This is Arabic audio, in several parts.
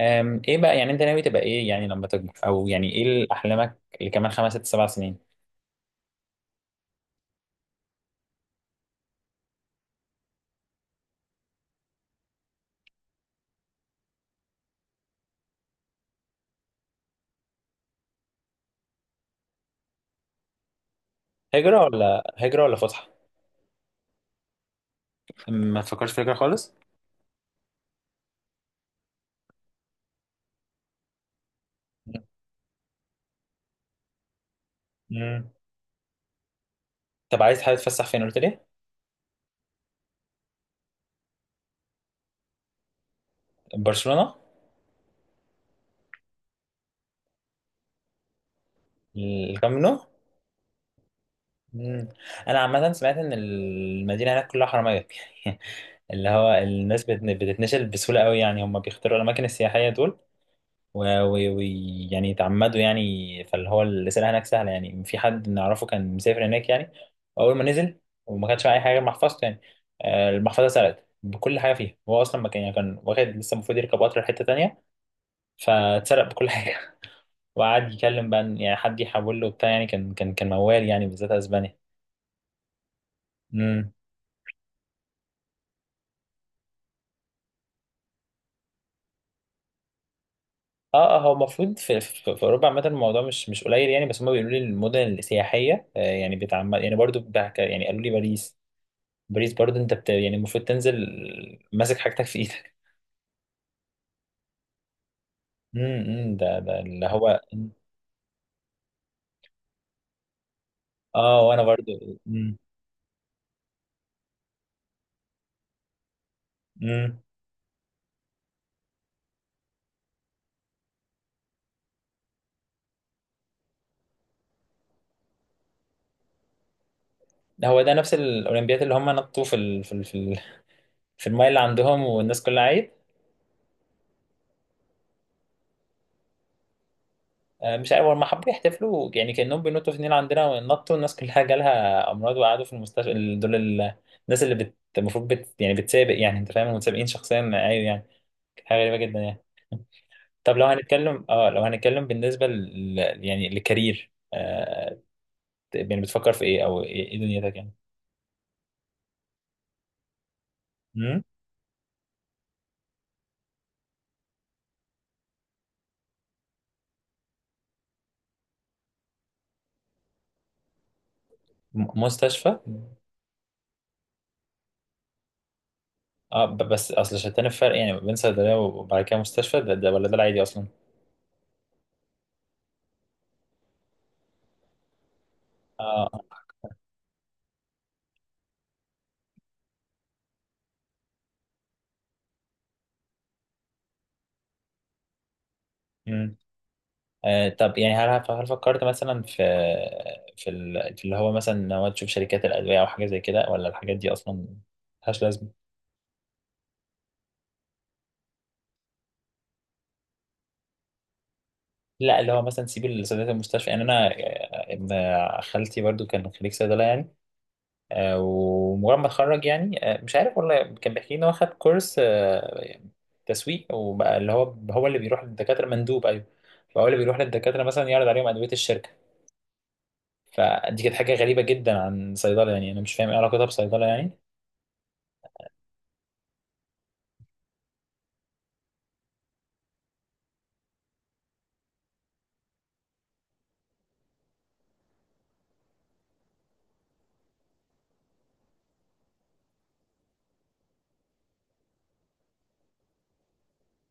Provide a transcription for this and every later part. ايه بقى يعني انت ناوي تبقى ايه يعني لما تكبر او يعني ايه اللي احلامك اللي كمان خمس ست سبع سنين؟ هجرة ولا هجرة ولا فسحة؟ ما تفكرش في هجرة خالص؟ مم. طب حابب تتفسح فين قلت لي؟ برشلونة. الكامب نو. مم. انا عامة سمعت ان المدينة هناك كلها حرامية. اللي هو الناس بتتنشل بسهولة قوي، يعني هم بيختاروا الاماكن السياحية دول، ويعني يتعمدوا، يعني فاللي هو الرسالة هناك سهلة، يعني في حد نعرفه كان مسافر هناك يعني. أول ما نزل وما كانش معاه أي حاجة غير محفظته يعني. المحفظة اتسرقت بكل حاجة فيها، هو أصلا ما كان يعني كان واخد لسه، المفروض يركب قطر لحتة تانية فاتسرق بكل حاجة وقعد يكلم بقى إن يعني حد يحول له بتاع، يعني كان موال، يعني بالذات أسبانيا. امم اه اه، هو المفروض في اوروبا عامه، الموضوع مش قليل يعني، بس هم بيقولوا لي المدن السياحيه يعني بتعمد يعني برضو يعني قالوا لي باريس، بريز برضه، انت يعني المفروض تنزل ماسك حاجتك في ايدك. ده اللي هو. اه وانا برضه امم هو ده نفس الاولمبياد اللي هم نطوا في المايه اللي عندهم والناس كلها عيب. مش عارف، هما حبوا يحتفلوا يعني كانهم بينطوا في النيل عندنا، ونطوا الناس كلها جالها امراض وقعدوا في المستشفى دول الناس اللي المفروض يعني بتسابق، يعني انت فاهم المتسابقين شخصيا ايوه يعني، حاجه غريبه جدا يعني. طب لو هنتكلم، بالنسبه يعني لكارير، يعني بتفكر في ايه، او ايه إيه دنيتك يعني؟ مم؟ مستشفى. اه، بس اصل شتان الفرق يعني بين صيدليه وبعد كده مستشفى، ده ولا ده العادي اصلا؟ اه امم طب يعني، هل فكرت مثلا في في اللي هو مثلا ان هو تشوف شركات الادويه او حاجه زي كده، ولا الحاجات دي اصلا ملهاش لازمه؟ لا اللي هو مثلا سيب صيدليه المستشفى، يعني انا ابن خالتي برضو كان خريج صيدله يعني. ومجرد ما اتخرج يعني، مش عارف والله، كان بيحكي لي ان هو خد كورس تسويق، وبقى اللي هو اللي بيروح للدكاتره، مندوب ايوه. فهو اللي بيروح للدكاتره مثلا يعرض عليهم ادويه الشركه. فدي كانت حاجه غريبه جدا عن صيدله، يعني انا مش فاهم ايه علاقتها بصيدله يعني.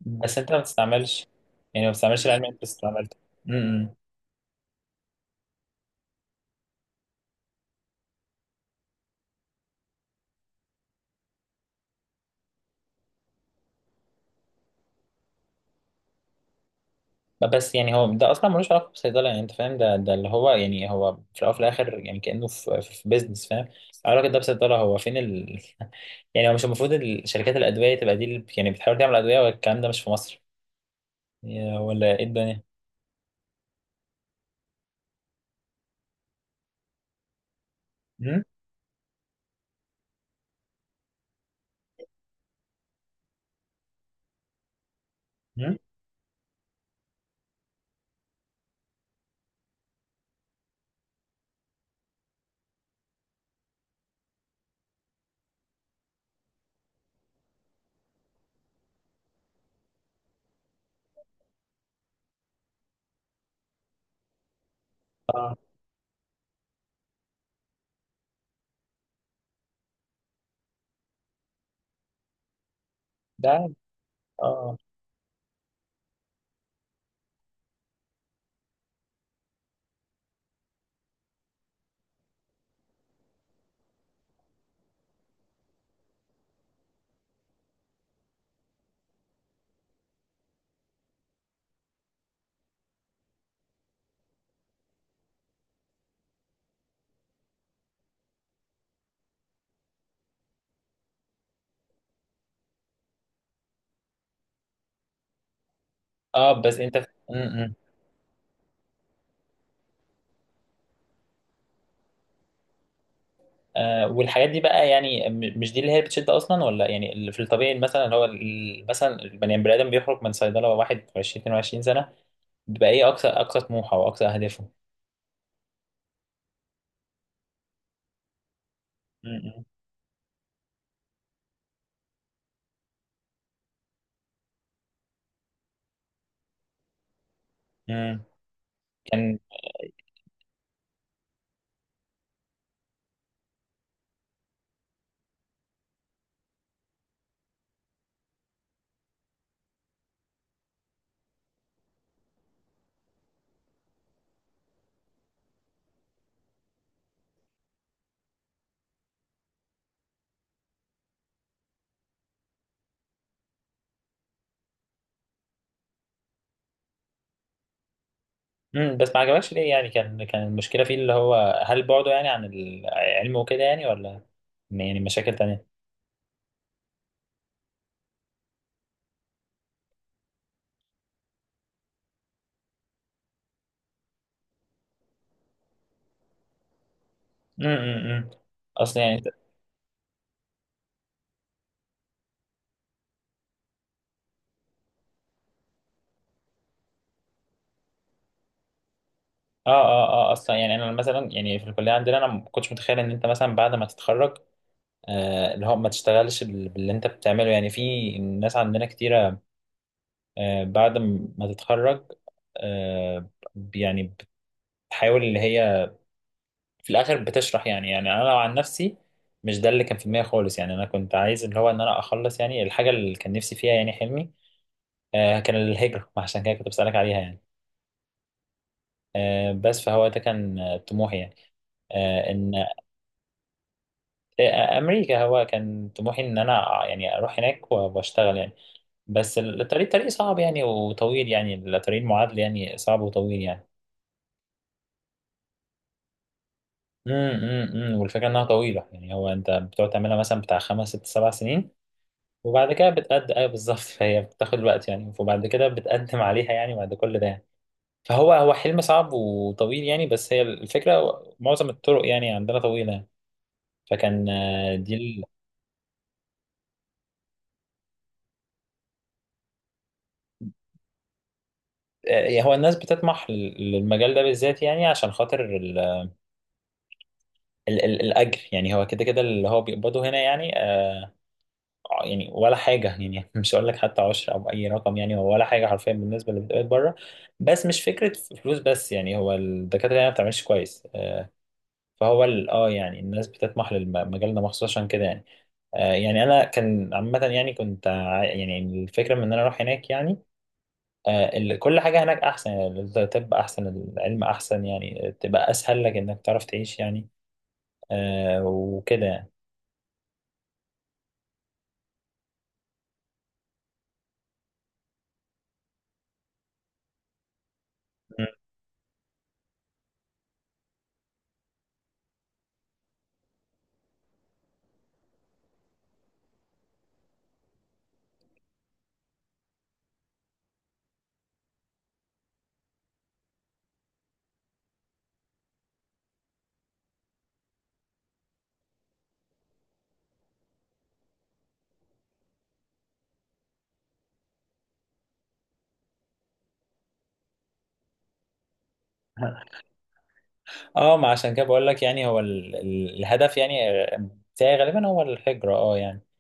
بس انت ما بتستعملش، يعني ما بتستعملش العلم اللي انت استعملته. بس يعني هو ده اصلا ملوش علاقه بالصيدله، يعني انت فاهم ده اللي هو، يعني هو في الاول وفي الاخر يعني كانه في في بيزنس، فاهم؟ علاقه ده بصيدله هو فين يعني هو مش المفروض شركات الادويه تبقى دي اللي يعني بتحاول تعمل ادويه والكلام ده مش في مصر يا، ولا ايه الدنيا؟ مم؟ مم؟ اه ده، اه اه، بس انت والحاجات دي بقى، يعني مش دي اللي هي بتشد اصلا، ولا يعني اللي في الطبيعي مثلا اللي هو مثلا البني ادم بيخرج من صيدله وهو واحد 20 22 سنه، بيبقى ايه اقصى اقصى طموحه واقصى اهدافه؟ مم. مم. كان مم. بس ما عجبكش ليه يعني، كان المشكلة فيه اللي هو هل بعده يعني عن العلم وكده يعني، ولا يعني مشاكل تانية؟ مم. مم. مم. اصلا يعني، اه اه اه، اصلا يعني انا مثلا يعني في الكلية عندنا، انا ما كنتش متخيل ان انت مثلا بعد ما تتخرج، آه اللي هو ما تشتغلش باللي انت بتعمله يعني. في ناس عندنا كتيرة، آه بعد ما تتخرج، آه يعني بتحاول اللي هي في الاخر بتشرح يعني. يعني انا لو عن نفسي مش ده اللي كان في دماغي خالص، يعني انا كنت عايز اللي هو ان انا اخلص يعني الحاجه اللي كان نفسي فيها، يعني حلمي آه كان الهجره، عشان كده كنت بسالك عليها يعني. آه بس فهو ده كان طموحي يعني. آه ان آه امريكا، هو كان طموحي ان انا يعني اروح هناك واشتغل يعني. بس الطريق طريق صعب يعني وطويل يعني، الطريق المعادله يعني صعب وطويل يعني. إمم. والفكره انها طويله يعني، هو انت بتقعد تعملها مثلا بتاع خمس ست سبع سنين وبعد كده بتقدم ايوه بالظبط، فهي بتاخد وقت يعني، وبعد كده بتقدم عليها يعني بعد كل ده يعني. فهو حلم صعب وطويل يعني، بس هي الفكره معظم الطرق يعني عندنا طويله يعني. فكان دي هو الناس بتطمح للمجال ده بالذات، يعني عشان خاطر الاجر يعني، هو كده كده اللي هو بيقبضه هنا يعني يعني ولا حاجه يعني مش هقول لك حتى عشر او اي رقم، يعني هو ولا حاجه حرفيا بالنسبه اللي بتقبض بره. بس مش فكره فلوس بس يعني، هو الدكاتره هنا ما بتعملش كويس فهو اه يعني الناس بتطمح لمجالنا مخصوص عشان كده يعني. آه يعني انا كان عامه يعني، كنت يعني الفكره من ان انا اروح هناك يعني. آه كل حاجه هناك احسن يعني، الطب احسن، العلم احسن يعني تبقى اسهل لك انك تعرف تعيش يعني، آه وكده يعني. اه، ما عشان كده بقول لك يعني، هو الهدف يعني بتاعي غالبا هو الهجره، اه يعني.